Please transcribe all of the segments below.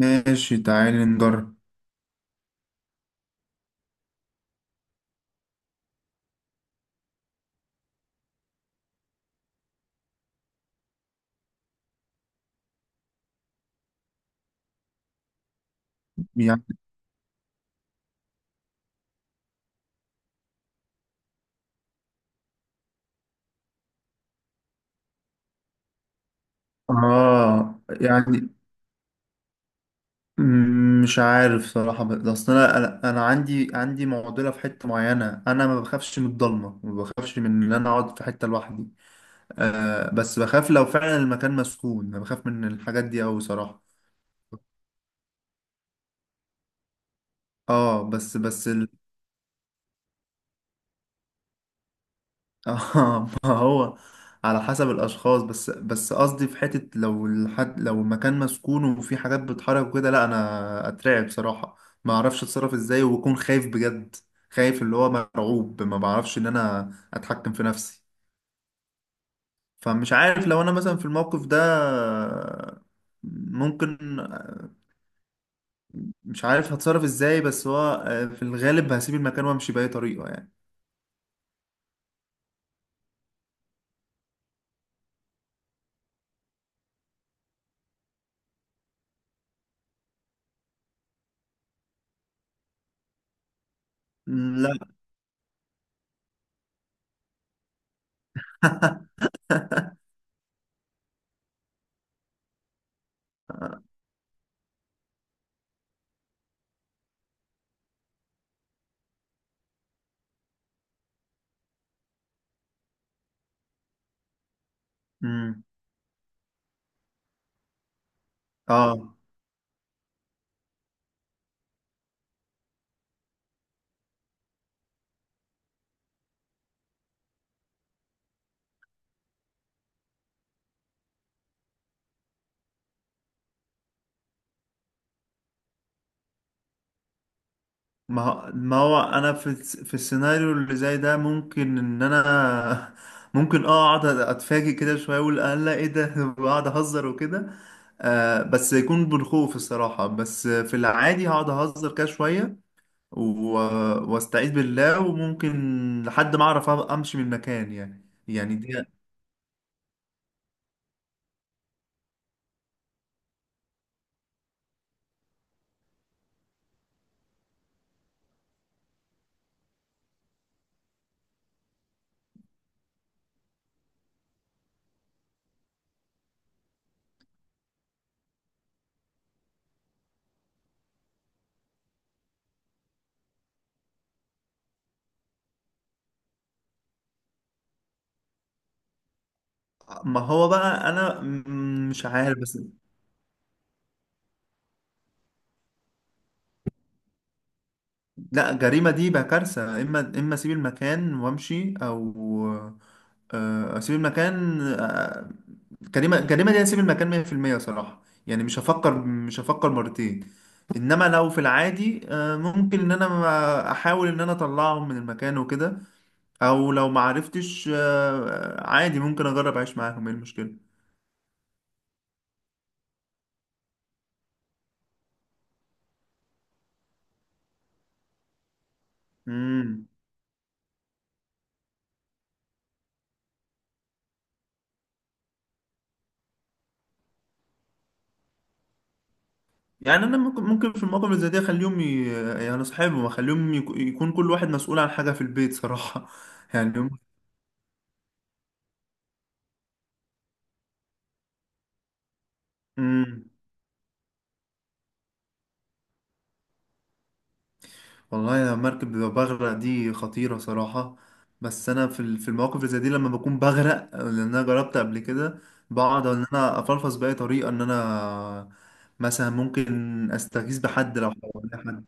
ماشي، تعالي نجرب. يعني اه يعني مش عارف صراحة، بس اصل انا انا أنا عندي معضلة في حتة معينة. انا ما بخافش من الضلمة، ما بخافش من ان انا اقعد في حتة لوحدي. بس بخاف لو فعلا المكان مسكون، انا بخاف من الحاجات دي اوي صراحة. اه بس اه ما هو على حسب الاشخاص. بس قصدي في حته، لو الحد، لو المكان مسكون وفي حاجات بتتحرك وكده، لا انا اترعب بصراحه. ما اعرفش اتصرف ازاي، وبكون خايف بجد. خايف اللي هو مرعوب، ما بعرفش ان انا اتحكم في نفسي. فمش عارف لو انا مثلا في الموقف ده ممكن. مش عارف هتصرف ازاي، بس هو في الغالب هسيب المكان وامشي باي طريقه يعني. لا. امم. اه. ما هو انا في السيناريو اللي زي ده، ممكن ان انا ممكن اقعد اتفاجئ كده شويه، اقول الله ايه ده واقعد اهزر وكده. بس يكون بالخوف الصراحه. بس في العادي هقعد اهزر كده شويه، واستعيذ بالله، وممكن لحد ما اعرف امشي من المكان. يعني دي. ما هو بقى انا مش عارف. بس لا، جريمة دي بقى كارثة. إما أسيب المكان وأمشي، أو أسيب المكان. جريمة، جريمة دي أسيب المكان 100% صراحة، يعني مش هفكر، مش هفكر مرتين. إنما لو في العادي ممكن إن أنا أحاول إن أنا أطلعهم من المكان وكده. أو لو ما عرفتش عادي، ممكن أجرب أعيش معاهم. إيه المشكلة؟ يعني انا ممكن في المواقف اللي زي دي اخليهم يعني اصحابهم، اخليهم يكون كل واحد مسؤول عن حاجه في البيت صراحه يعني هم... مم. والله انا مركب لو بغرق دي خطيره صراحه. بس انا في المواقف اللي زي دي، لما بكون بغرق، لان انا جربت قبل كده، بقعد ان انا افلفظ باي طريقه ان انا. مثلا ممكن استغيث بحد لو حواليا حد.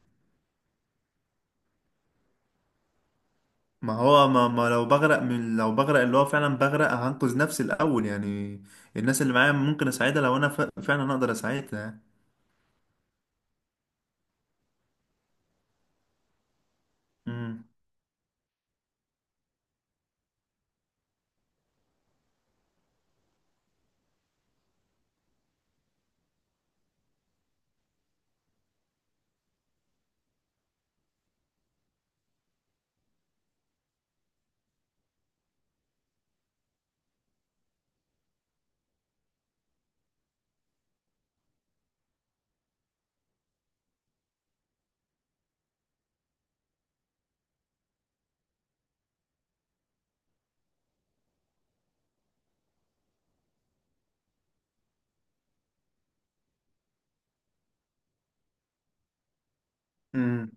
ما هو ما لو بغرق، من لو بغرق، اللي هو فعلا بغرق هنقذ نفسي الأول يعني. الناس اللي معايا ممكن أساعدها لو أنا فعلا أقدر أساعدها يعني. مم. مم.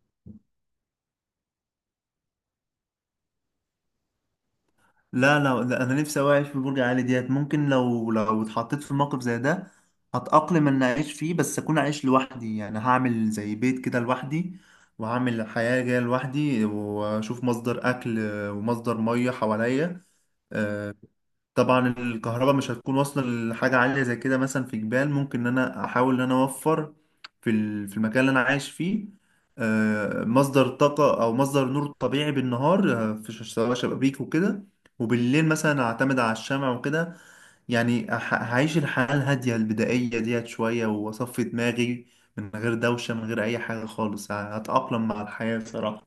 لا لا لا، أنا نفسي أوي أعيش في برج عالي ديت. ممكن لو اتحطيت في موقف زي ده، هتأقلم إن أعيش فيه، بس أكون عايش لوحدي. يعني هعمل زي بيت كده لوحدي، وهعمل حياة جاية لوحدي، وأشوف مصدر أكل ومصدر مية حواليا. آه، طبعا الكهرباء مش هتكون واصلة لحاجة عالية زي كده. مثلا في جبال، ممكن ان انا احاول ان انا اوفر في المكان اللي انا عايش فيه مصدر طاقة او مصدر نور طبيعي بالنهار، سواء شبابيك وكده، وبالليل مثلا اعتمد على الشمع وكده. يعني هعيش الحياة الهادية البدائية ديت شوية، واصفي دماغي من غير دوشة، من غير اي حاجة خالص. هتأقلم مع الحياة صراحة.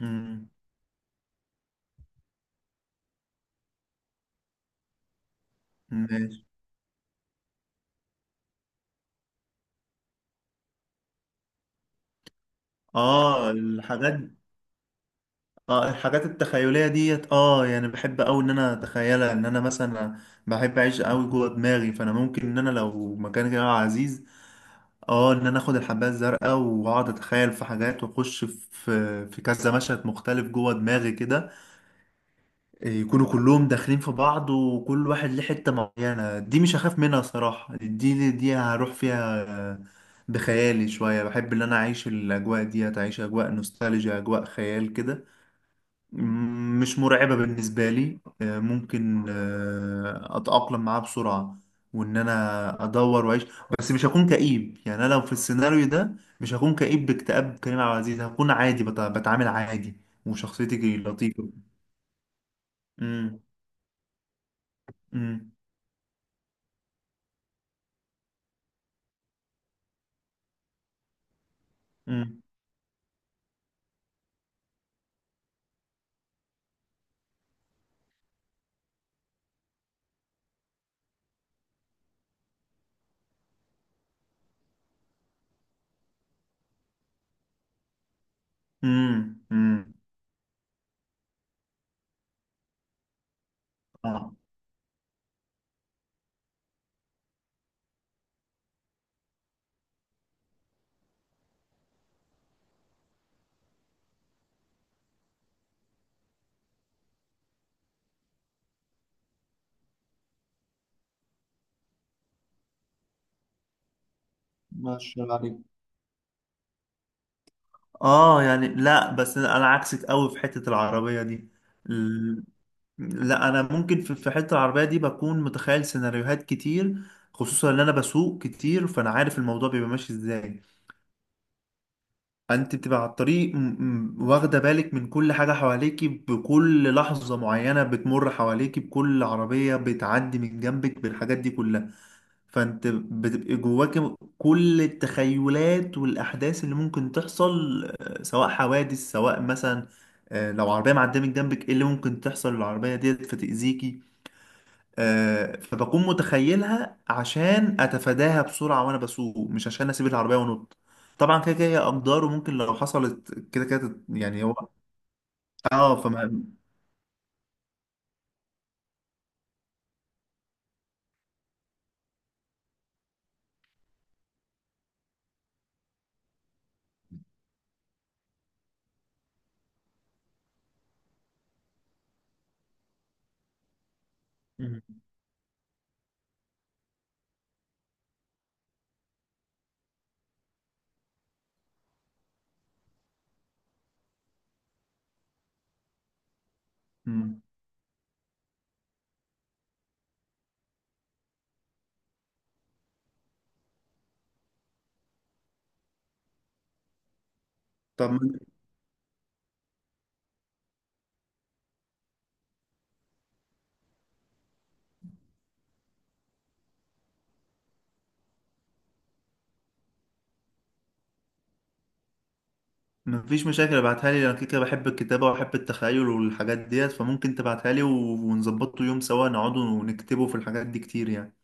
مم. ماشي. اه الحاجات اه الحاجات التخيلية ديت، يعني بحب اوي ان انا اتخيلها. ان انا مثلا بحب اعيش اوي جوه دماغي، فانا ممكن ان انا لو مكان كده عزيز، اه ان انا اخد الحباية الزرقاء، واقعد اتخيل في حاجات، واخش في كذا مشهد مختلف جوه دماغي كده. يكونوا كلهم داخلين في بعض، وكل واحد ليه حتة معينة. دي مش هخاف منها صراحة، دي هروح فيها بخيالي شوية. بحب ان انا اعيش الاجواء ديت، اعيش اجواء نوستالجيا، اجواء خيال كده. مش مرعبة بالنسبة لي. ممكن أتأقلم معاه بسرعة، وإن أنا أدور وأعيش. بس مش هكون كئيب. يعني أنا لو في السيناريو ده مش هكون كئيب باكتئاب كريم عبد العزيز، هكون عادي. بتعامل عادي وشخصيتي لطيفة. مم. مم. مم. مم. مم. آه، ما شاء الله عليك. يعني لا، بس أنا عكسك أوي في حتة العربية دي. لا انا ممكن في حته العربيه دي بكون متخيل سيناريوهات كتير. خصوصا ان انا بسوق كتير، فانا عارف الموضوع بيبقى ماشي ازاي. انت بتبقى على الطريق، واخده بالك من كل حاجه حواليكي، بكل لحظه معينه بتمر حواليكي، بكل عربيه بتعدي من جنبك، بالحاجات دي كلها. فانت بتبقى جواك كل التخيلات والاحداث اللي ممكن تحصل، سواء حوادث، سواء مثلا لو عربيه معديه من جنبك، ايه اللي ممكن تحصل للعربيه ديت فتاذيكي. فبكون متخيلها عشان اتفاداها بسرعه وانا بسوق، مش عشان اسيب العربيه وانط. طبعا كده كده هي اقدار، وممكن لو حصلت كده كده يعني هو اه فما. مم. مم. طب ما فيش مشاكل، ابعتها لي. انا كده كده بحب الكتابه وبحب التخيل والحاجات ديت، فممكن تبعتها لي، ونظبطه يوم سوا، نقعد ونكتبه في الحاجات دي كتير يعني.